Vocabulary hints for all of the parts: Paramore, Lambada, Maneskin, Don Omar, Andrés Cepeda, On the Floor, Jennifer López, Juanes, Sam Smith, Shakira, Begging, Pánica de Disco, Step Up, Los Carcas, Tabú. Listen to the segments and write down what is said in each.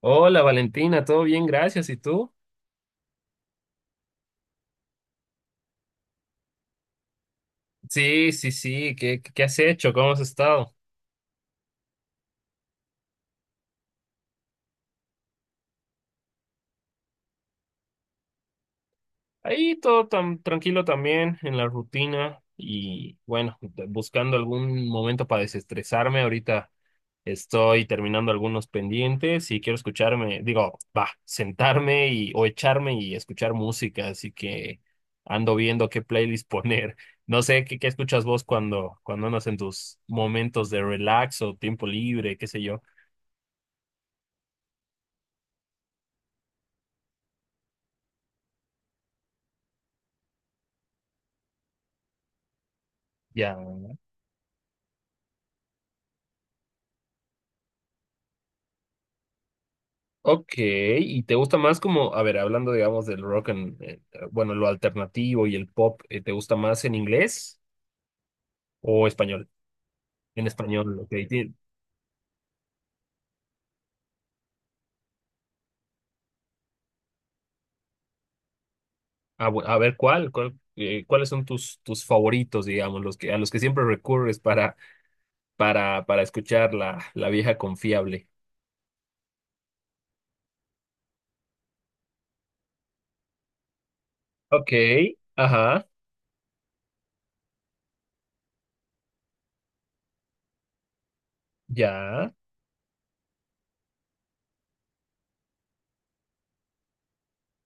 Hola Valentina, todo bien, gracias. ¿Y tú? Sí, sí, sí. ¿Qué has hecho? ¿Cómo has estado? Ahí todo tan tranquilo también en la rutina y bueno, buscando algún momento para desestresarme. Ahorita estoy terminando algunos pendientes y quiero escucharme, digo, va, sentarme y o echarme y escuchar música, así que ando viendo qué playlist poner. No sé qué escuchas vos cuando andas en tus momentos de relax o tiempo libre, qué sé yo. Ya. Ok, ¿y te gusta más como, a ver, hablando digamos del rock, bueno, lo alternativo y el pop, te gusta más en inglés o español? En español, ok. A ver, ¿cuáles son tus favoritos, digamos, los que, a los que siempre recurres para escuchar la vieja confiable? Ok, ajá, ya.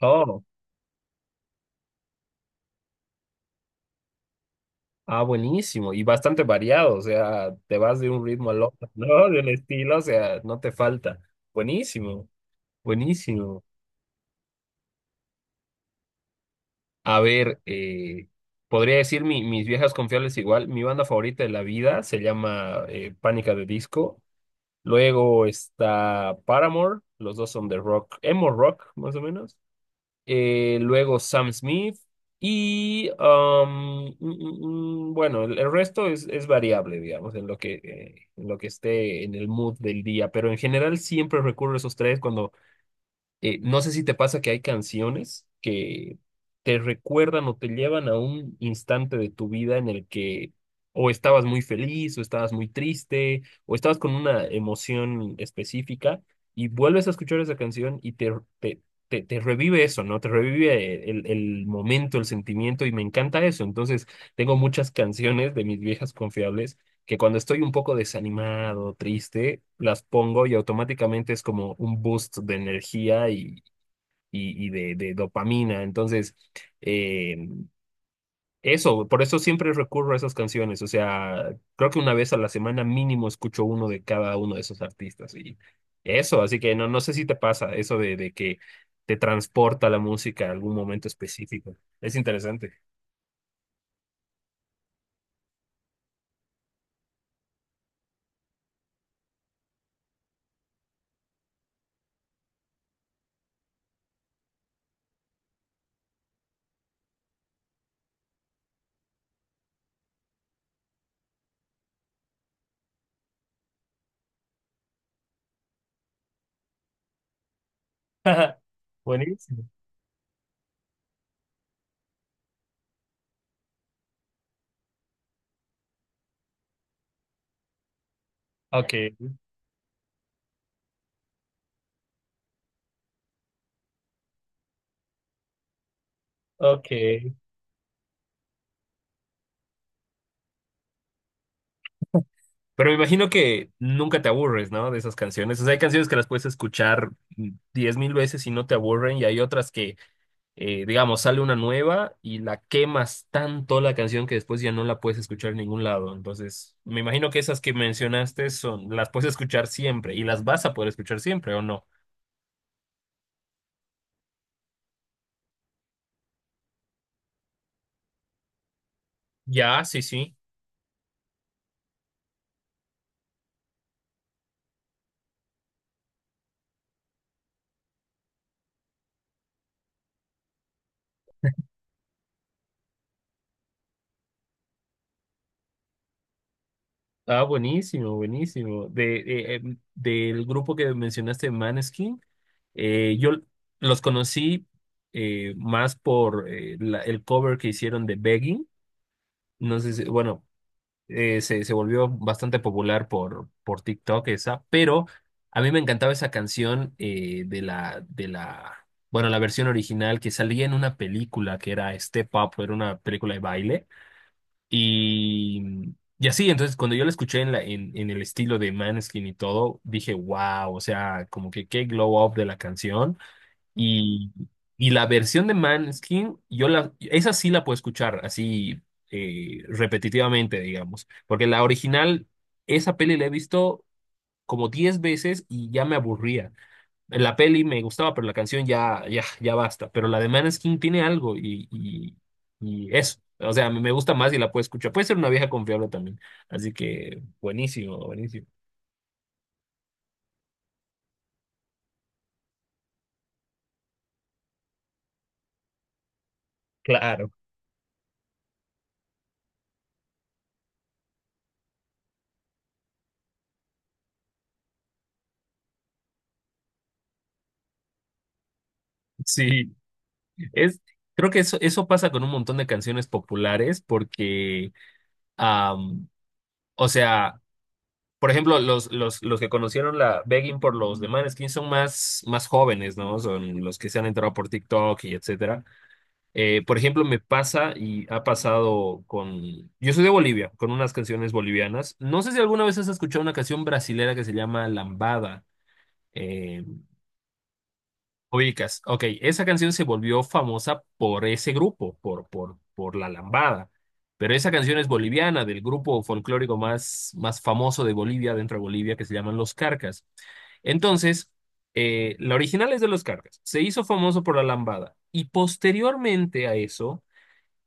Oh, ah, buenísimo. Y bastante variado, o sea, te vas de un ritmo al otro, ¿no? De un estilo, o sea, no te falta. Buenísimo. Buenísimo. A ver, podría decir mis viejas confiables igual. Mi banda favorita de la vida se llama Pánica de Disco. Luego está Paramore, los dos son de rock, emo rock, más o menos. Luego Sam Smith y, um, mm, mm, mm, bueno, el resto es variable, digamos, en lo que esté en el mood del día. Pero en general siempre recurro a esos tres cuando... no sé si te pasa que hay canciones que te recuerdan o te llevan a un instante de tu vida en el que o estabas muy feliz o estabas muy triste o estabas con una emoción específica y vuelves a escuchar esa canción y te, te revive eso, ¿no? Te revive el momento, el sentimiento y me encanta eso. Entonces, tengo muchas canciones de mis viejas confiables que cuando estoy un poco desanimado, triste, las pongo y automáticamente es como un boost de energía y de dopamina. Entonces, eh, eso, por eso siempre recurro a esas canciones. O sea, creo que una vez a la semana mínimo escucho uno de cada uno de esos artistas. Y eso, así que no, no sé si te pasa eso de que te transporta la música a algún momento específico. Es interesante. Buenísimo. Ok, ok. Pero me imagino que nunca te aburres, ¿no? De esas canciones. O sea, hay canciones que las puedes escuchar diez mil veces y no te aburren, y hay otras que, digamos, sale una nueva y la quemas tanto la canción que después ya no la puedes escuchar en ningún lado. Entonces, me imagino que esas que mencionaste son, las puedes escuchar siempre y las vas a poder escuchar siempre, ¿o no? Ya, sí, sí. Ah, buenísimo, buenísimo. De, del grupo que mencionaste, Maneskin. Yo los conocí más por el cover que hicieron de Begging. No sé si, bueno, se volvió bastante popular por TikTok esa, pero a mí me encantaba esa canción bueno, la versión original que salía en una película que era Step Up, era una película de baile. Y así, entonces cuando yo la escuché en el estilo de Maneskin y todo, dije, wow, o sea, como que qué glow up de la canción. Y, y la versión de Maneskin, esa sí la puedo escuchar así repetitivamente, digamos, porque la original, esa peli la he visto como 10 veces y ya me aburría. La peli me gustaba, pero la canción ya, ya, ya basta. Pero la de Maneskin tiene algo y eso. O sea, me gusta más y la puedo escuchar. Puede ser una vieja confiable también. Así que buenísimo, buenísimo. Claro, sí. Es, creo que eso pasa con un montón de canciones populares porque, am, o sea, por ejemplo, los que conocieron la Begging por los de Maneskin son más, más jóvenes, ¿no? Son los que se han entrado por TikTok y etcétera. Por ejemplo, me pasa y ha pasado con... Yo soy de Bolivia, con unas canciones bolivianas. No sé si alguna vez has escuchado una canción brasilera que se llama Lambada. Eh, Ubicas, ok, esa canción se volvió famosa por ese grupo, por La Lambada, pero esa canción es boliviana, del grupo folclórico más, más famoso de Bolivia, dentro de Bolivia, que se llaman Los Carcas. Entonces, la original es de Los Carcas, se hizo famoso por La Lambada, y posteriormente a eso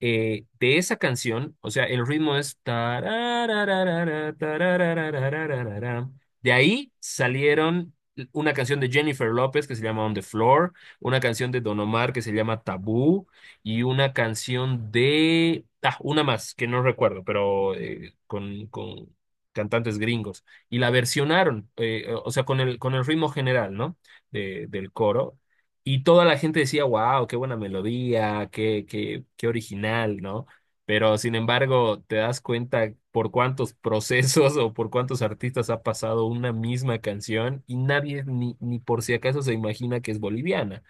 de esa canción, o sea, el ritmo es... tarararara, tararararararara. De ahí salieron una canción de Jennifer López que se llama On the Floor, una canción de Don Omar que se llama Tabú y una canción de... Ah, una más que no recuerdo, pero con cantantes gringos. Y la versionaron, o sea, con el ritmo general, ¿no? Del coro y toda la gente decía, wow, qué buena melodía, qué original, ¿no? Pero sin embargo, te das cuenta por cuántos procesos o por cuántos artistas ha pasado una misma canción y nadie ni por si acaso se imagina que es boliviana.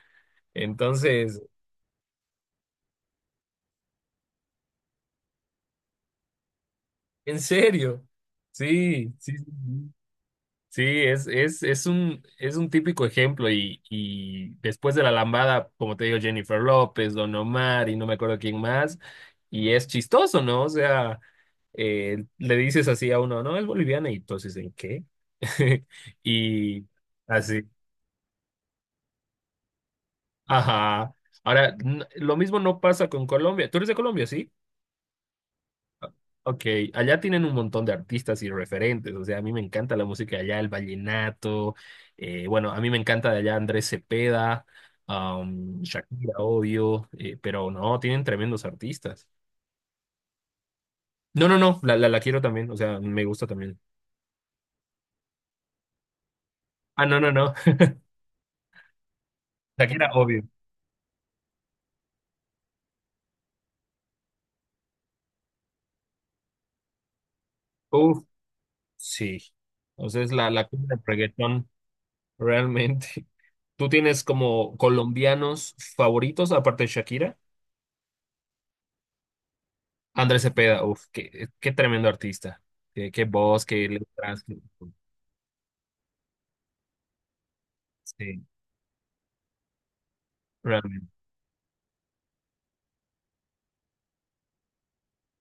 Entonces, en serio, sí, sí. Sí, sí. Sí, es un típico ejemplo y después de la lambada, como te digo, Jennifer López, Don Omar y no me acuerdo quién más, y es chistoso, ¿no? O sea, le dices así a uno, no, es boliviana y entonces, ¿en qué? Y así, ajá. Ahora, lo mismo no pasa con Colombia. Tú eres de Colombia, ¿sí? Ok, allá tienen un montón de artistas y referentes, o sea, a mí me encanta la música de allá, el vallenato, bueno, a mí me encanta de allá Andrés Cepeda, Shakira, obvio, pero no, tienen tremendos artistas. No, no, no, la quiero también, o sea, me gusta también. Ah, no, no, no, Shakira, obvio. Uf, sí, o sea, es la cuna del reggaetón, realmente. ¿Tú tienes como colombianos favoritos aparte de Shakira? Andrés Cepeda, uf, qué tremendo artista. Qué voz, qué letras. Qué... sí, realmente.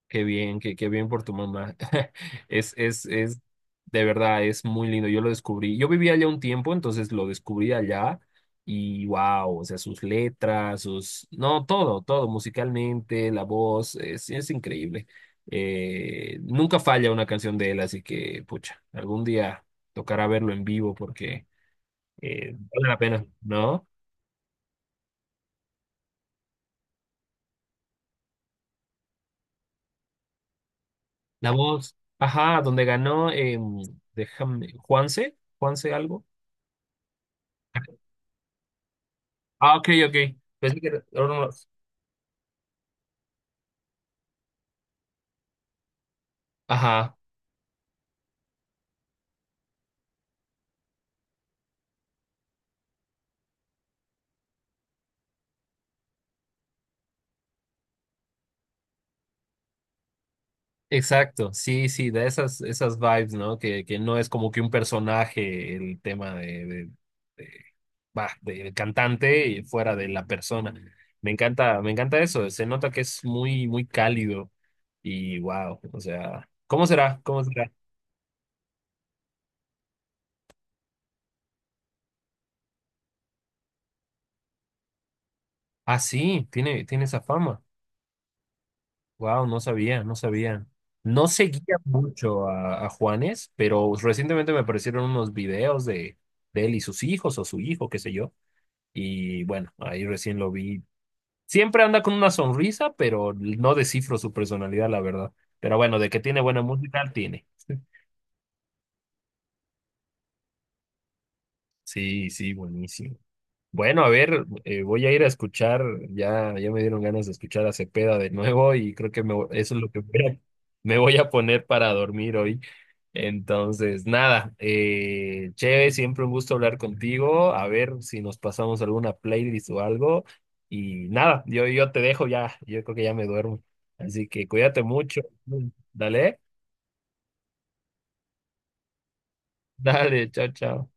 Qué bien, qué bien por tu mamá. Es, es, es, de verdad, es muy lindo. Yo lo descubrí. Yo vivía allá un tiempo, entonces lo descubrí allá. Y wow, o sea, sus letras, sus... No, todo, todo, musicalmente, la voz, es increíble. Nunca falla una canción de él, así que, pucha, algún día tocará verlo en vivo porque vale la pena, ¿no? La voz, ajá, donde ganó, déjame, Juanse, Juanse algo. Ah, ok, ok. Pensé que era de ajá, exacto. Sí, sí, de esas, esas vibes, ¿no? Que no es como que un personaje el tema de- va, del cantante y fuera de la persona. Me encanta eso. Se nota que es muy, muy cálido. Y wow, o sea, ¿cómo será? ¿Cómo será? Ah, sí, tiene, tiene esa fama. Wow, no sabía, no sabía. No seguía mucho a Juanes, pero recientemente me aparecieron unos videos de él y sus hijos o su hijo, qué sé yo. Y bueno, ahí recién lo vi. Siempre anda con una sonrisa, pero no descifro su personalidad, la verdad. Pero bueno, de que tiene buena música, tiene. Sí, sí, buenísimo. Bueno, a ver, voy a ir a escuchar, ya me dieron ganas de escuchar a Cepeda de nuevo y creo que me, eso es lo que voy a... me voy a poner para dormir hoy. Entonces, nada, che, siempre un gusto hablar contigo, a ver si nos pasamos alguna playlist o algo y nada, yo te dejo ya, yo creo que ya me duermo. Así que cuídate mucho. Dale, dale, chao, chao.